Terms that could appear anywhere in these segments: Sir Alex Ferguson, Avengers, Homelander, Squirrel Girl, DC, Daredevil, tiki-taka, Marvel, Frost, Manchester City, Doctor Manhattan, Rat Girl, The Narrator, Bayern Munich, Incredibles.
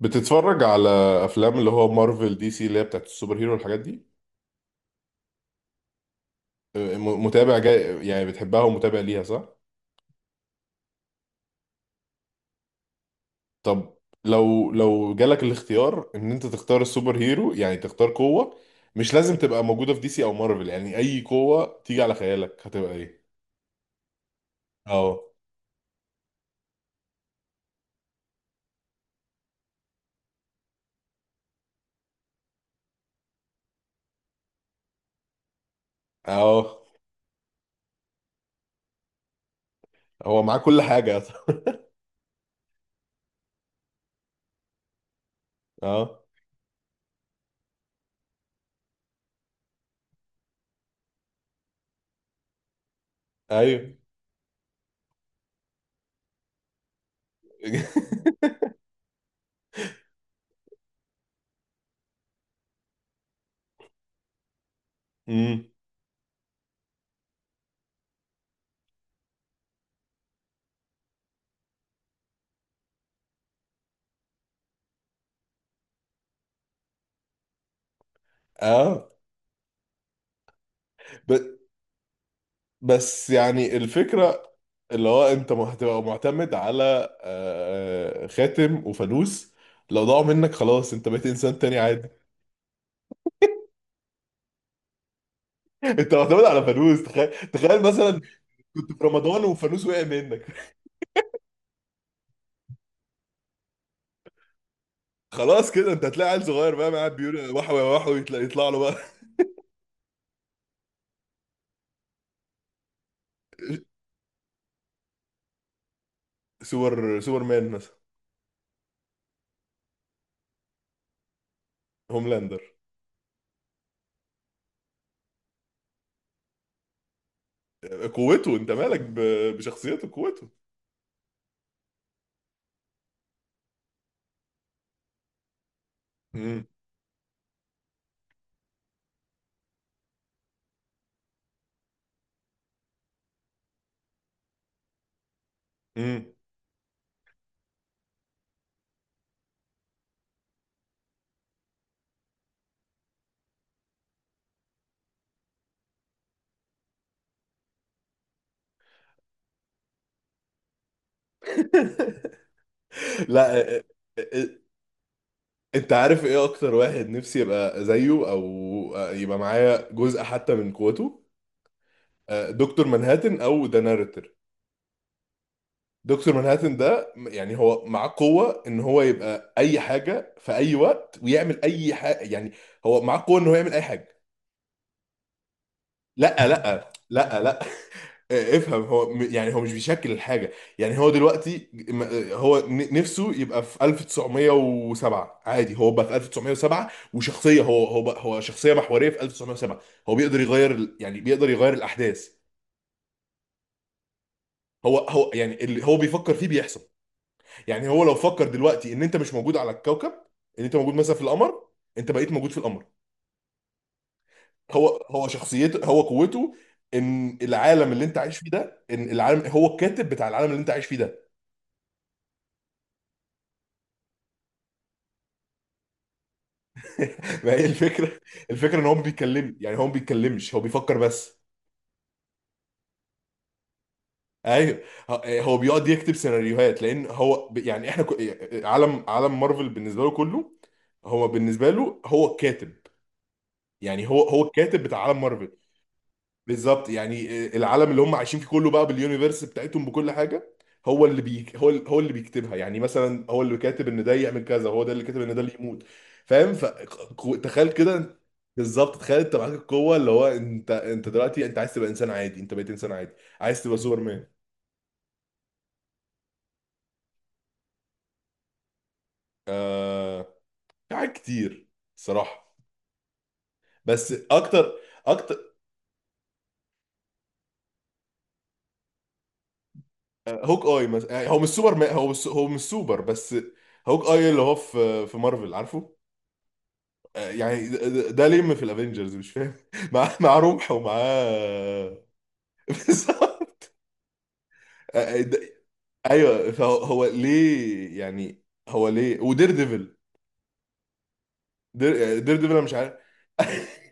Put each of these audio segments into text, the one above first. بتتفرج على افلام اللي هو مارفل دي سي اللي هي بتاعت السوبر هيرو والحاجات دي. متابع جاي، يعني بتحبها ومتابع ليها، صح؟ طب لو جالك الاختيار ان انت تختار السوبر هيرو، يعني تختار قوة. مش لازم تبقى موجودة في دي سي او مارفل، يعني اي قوة تيجي على خيالك هتبقى ايه؟ اه. اه. هو معاه كل حاجة. اه. ايوه. امم. اه. ب- بس يعني الفكرة اللي هو انت هتبقى معتمد على خاتم وفانوس. لو ضاعوا منك، خلاص انت بقيت انسان تاني عادي. انت معتمد على فانوس، تخيل مثلا كنت في رمضان وفانوس وقع منك. خلاص كده انت هتلاقي عيل صغير بقى قاعد بيقول وحو يا وحو، يطلع له بقى. سوبر مان مثلا؟ هوملاندر؟ قوته انت مالك بشخصيته، قوته. مم. مم. لا. آه، آه، انت عارف ايه اكتر واحد نفسي يبقى زيه، او يبقى معايا جزء حتى من قوته؟ دكتور منهاتن او ذا ناريتور. دكتور منهاتن ده يعني هو معاه قوة ان هو يبقى اي حاجة في اي وقت ويعمل اي حاجة، يعني هو معاه قوة ان هو يعمل اي حاجة. لا. افهم. هو يعني هو مش بيشكل الحاجة. يعني هو دلوقتي هو نفسه يبقى في 1907 عادي. هو بقى في 1907، وشخصية، هو بقى هو شخصية محورية في 1907. هو بيقدر يغير يعني بيقدر يغير الأحداث. هو يعني اللي هو بيفكر فيه بيحصل. يعني هو لو فكر دلوقتي ان انت مش موجود على الكوكب، ان انت موجود مثلا في القمر، انت بقيت موجود في القمر. هو شخصيته، هو قوته ان العالم اللي انت عايش فيه ده، ان العالم هو الكاتب بتاع العالم اللي انت عايش فيه ده. ما هي الفكره. الفكره ان هو ما بيتكلم، يعني هو ما بيتكلمش، هو بيفكر بس. ايوه. هو بيقعد يكتب سيناريوهات، لان هو يعني احنا عالم مارفل بالنسبه له كله. هو بالنسبه له هو الكاتب. يعني هو الكاتب بتاع عالم مارفل. بالظبط، يعني العالم اللي هم عايشين فيه كله بقى، باليونيفرس بتاعتهم بكل حاجه، هو اللي بيك هو هو اللي بيكتبها. يعني مثلا هو اللي كاتب ان ده يعمل كذا، هو ده اللي كاتب ان ده اللي يموت. فاهم؟ فتخيل كده. بالظبط، تخيل انت معاك القوه اللي هو انت دلوقتي انت عايز تبقى انسان عادي، انت بقيت انسان عادي. عايز تبقى سوبرمان؟ آه، في حاجات كتير صراحه. بس اكتر. اكتر. هوك اي مثلا، يعني هو مش سوبر مان، هو مش، هو مش سوبر بس. هوك اي اللي هو في مارفل، عارفه؟ يعني ده لم في الافنجرز، مش فاهم. مع رمح ومعاه. بالظبط. آه، ده- ايوه، فهو هو ليه، يعني هو ليه ودير ديفل؟ دير, دير ديفل انا مش عارف.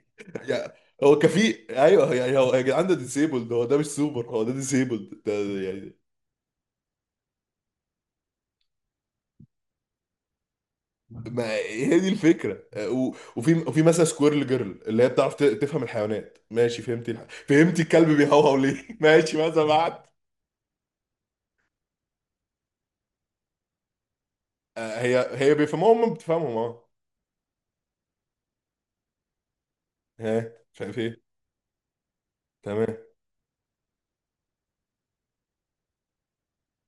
يعني هو كفي، ايوه. يعني هو يا جدعان ده ديسيبلد، هو ده مش سوبر، هو ده ديسيبلد ده. يعني ما هي دي الفكره. وفي مثلا سكويرل جيرل اللي هي بتعرف تفهم الحيوانات. ماشي، فهمتي فهمتي الكلب بيهوهو ليه؟ ماشي، ماذا بعد؟ هي بيفهموها، هم بتفهمهم، اه. ها، مش عارف ايه. تمام.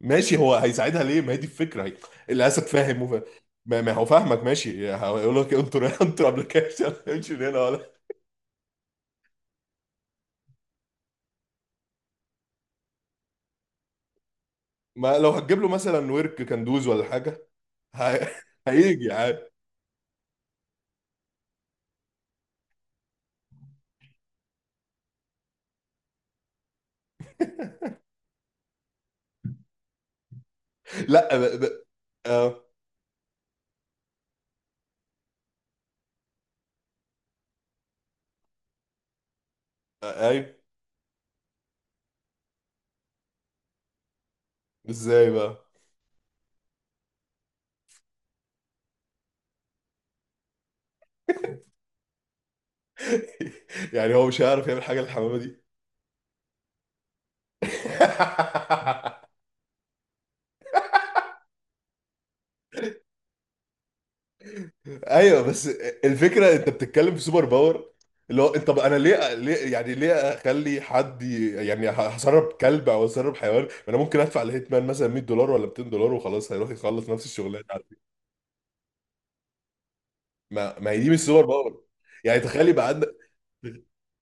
ماشي، هو هيساعدها ليه؟ ما هي دي الفكره. هي الاسد فاهم، وفاهم. ما هو فاهمك. ماشي هيقول لك انطر انطر ابلكيشن، امشي من هنا ولا. ما لو هتجيب له مثلا ورك كندوز ولا حاجه. هي... هيجي عادي. لا ب... ب... اه. ايوه. ازاي بقى؟ يعني هو مش هيعرف يعمل حاجه للحمامه دي. ايوه، بس الفكره، انت بتتكلم في سوبر باور اللي هو انت، طب انا ليه؟ يعني ليه اخلي حد يعني هسرب كلب او هسرب حيوان، ما انا ممكن ادفع لهيتمان مثلا $100 ولا $200، وخلاص هيروح يخلص نفس الشغلانه، على فكرة. ما هي دي مش سوبر باور. يعني تخيل يبقى عندك.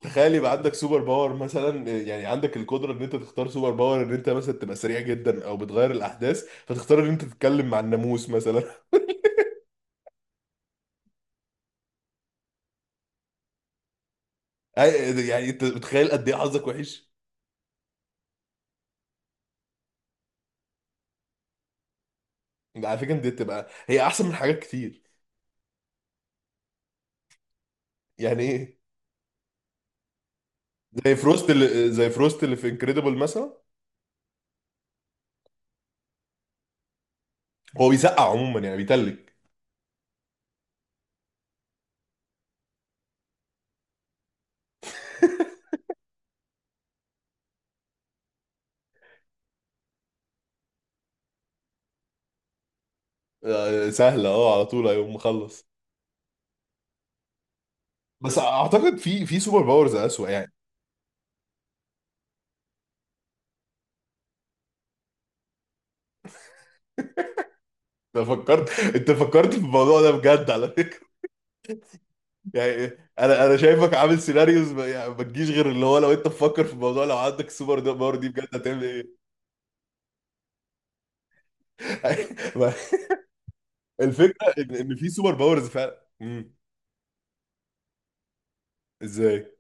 تخيل يبقى عندك سوبر باور مثلا، يعني عندك القدره ان انت تختار سوبر باور، ان انت مثلا تبقى سريع جدا او بتغير الاحداث، فتختار ان انت تتكلم مع الناموس مثلا؟ أي- يعني انت متخيل قد ايه حظك وحش؟ على فكره دي بتبقى هي احسن من حاجات كتير. يعني ايه؟ زي فروست اللي، زي فروست اللي في انكريدبل مثلا. هو بيسقع عموما، يعني بيتلج. سهله، اه، على طول هيقوم مخلص. بس اعتقد في سوبر باورز اسوأ يعني. انت فكرت في الموضوع ده بجد، على فكره. يعني إيه؟ انا شايفك عامل سيناريوز. ما يعني ما تجيش غير اللي هو لو انت تفكر في الموضوع، لو عندك السوبر ده باور دي بجد، هتعمل ايه؟ ما- الفكره ان، إن في سوبر باورز فعلا. ازاي؟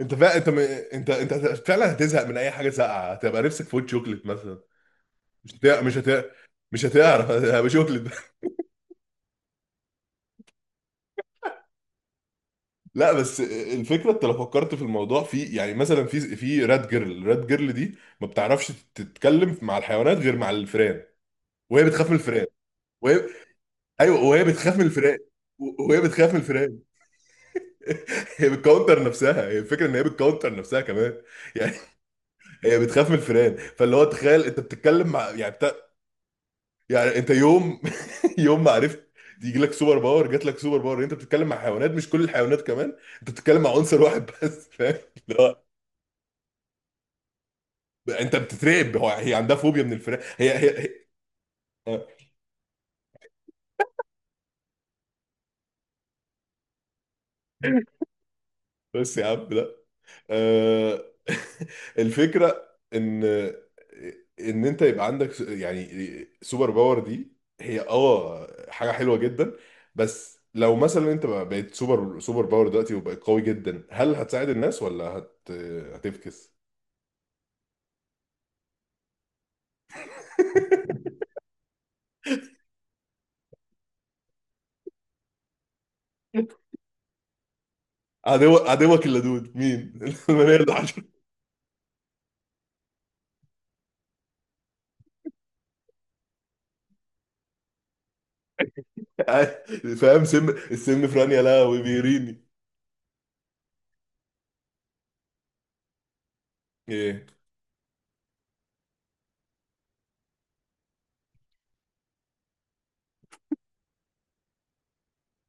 انت فا... انت م... انت انت فعلا هتزهق من اي حاجه ساقعه، هتبقى نفسك في وش شوكليت مثلا. مش هت... مش هت... مش هتعرف. هتبقى شوكليت. لا، بس الفكره انت لو فكرت في الموضوع، في يعني مثلا في رات جيرل، رات جيرل دي ما بتعرفش تتكلم مع الحيوانات غير مع الفئران. وهي بتخاف من الفئران. وهي ايوه وهي بتخاف من الفئران. وهي بتخاف من الفئران. هي بتكونتر نفسها، هي الفكره ان هي بتكونتر نفسها كمان. يعني هي بتخاف من الفئران. فاللي هو تخيل انت بتتكلم مع يعني يعني انت يوم. يوم ما عرفت يجي لك سوبر باور، جات لك سوبر باور، انت بتتكلم مع حيوانات، مش كل الحيوانات كمان، انت بتتكلم مع عنصر واحد بس، فاهم؟ لا، انت بتترعب. هي عندها فوبيا من الفراخ. هي. آه، بس يا عم لا. آه، الفكره ان، ان انت يبقى عندك يعني سوبر باور دي، هي اه حاجه حلوه جدا. بس لو مثلا انت بقيت سوبر، سوبر باور دلوقتي وبقيت قوي جدا، هل هتساعد الناس ولا هتفكس؟ عدوك اللدود مين؟ المنيل الحشري. فاهم؟ سم السم في رانيا لا وبيريني. ايه.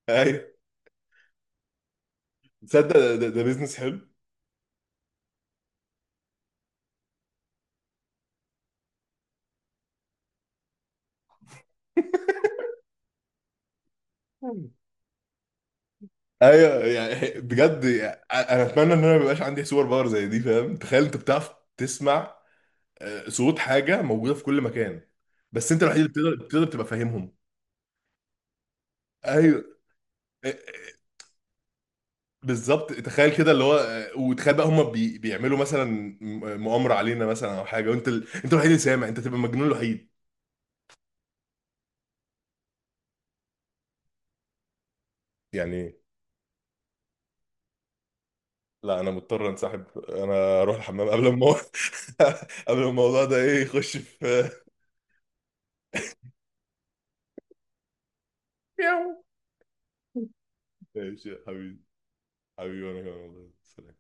ايوه. تصدق ده بيزنس حلو. ايوه، يعني بجد يعني، انا اتمنى ان انا ما يبقاش عندي سوبر باور زي دي. فاهم، تخيل انت بتعرف تسمع صوت حاجه موجوده في كل مكان، بس انت الوحيد اللي بتقدر تبقى فاهمهم. ايوه. آه، آه، بالظبط، تخيل كده اللي هو، وتخيل بقى هم بيعملوا مثلا مؤامره علينا مثلا او حاجه، وانت انت الوحيد اللي سامع، انت تبقى المجنون الوحيد. يعني لا، انا مضطر انسحب، انا اروح الحمام قبل ما قبل ما الموضوع ده ايه يخش في. ماشي يا حبيبي. حبيبي، وانا كمان والله. سلام.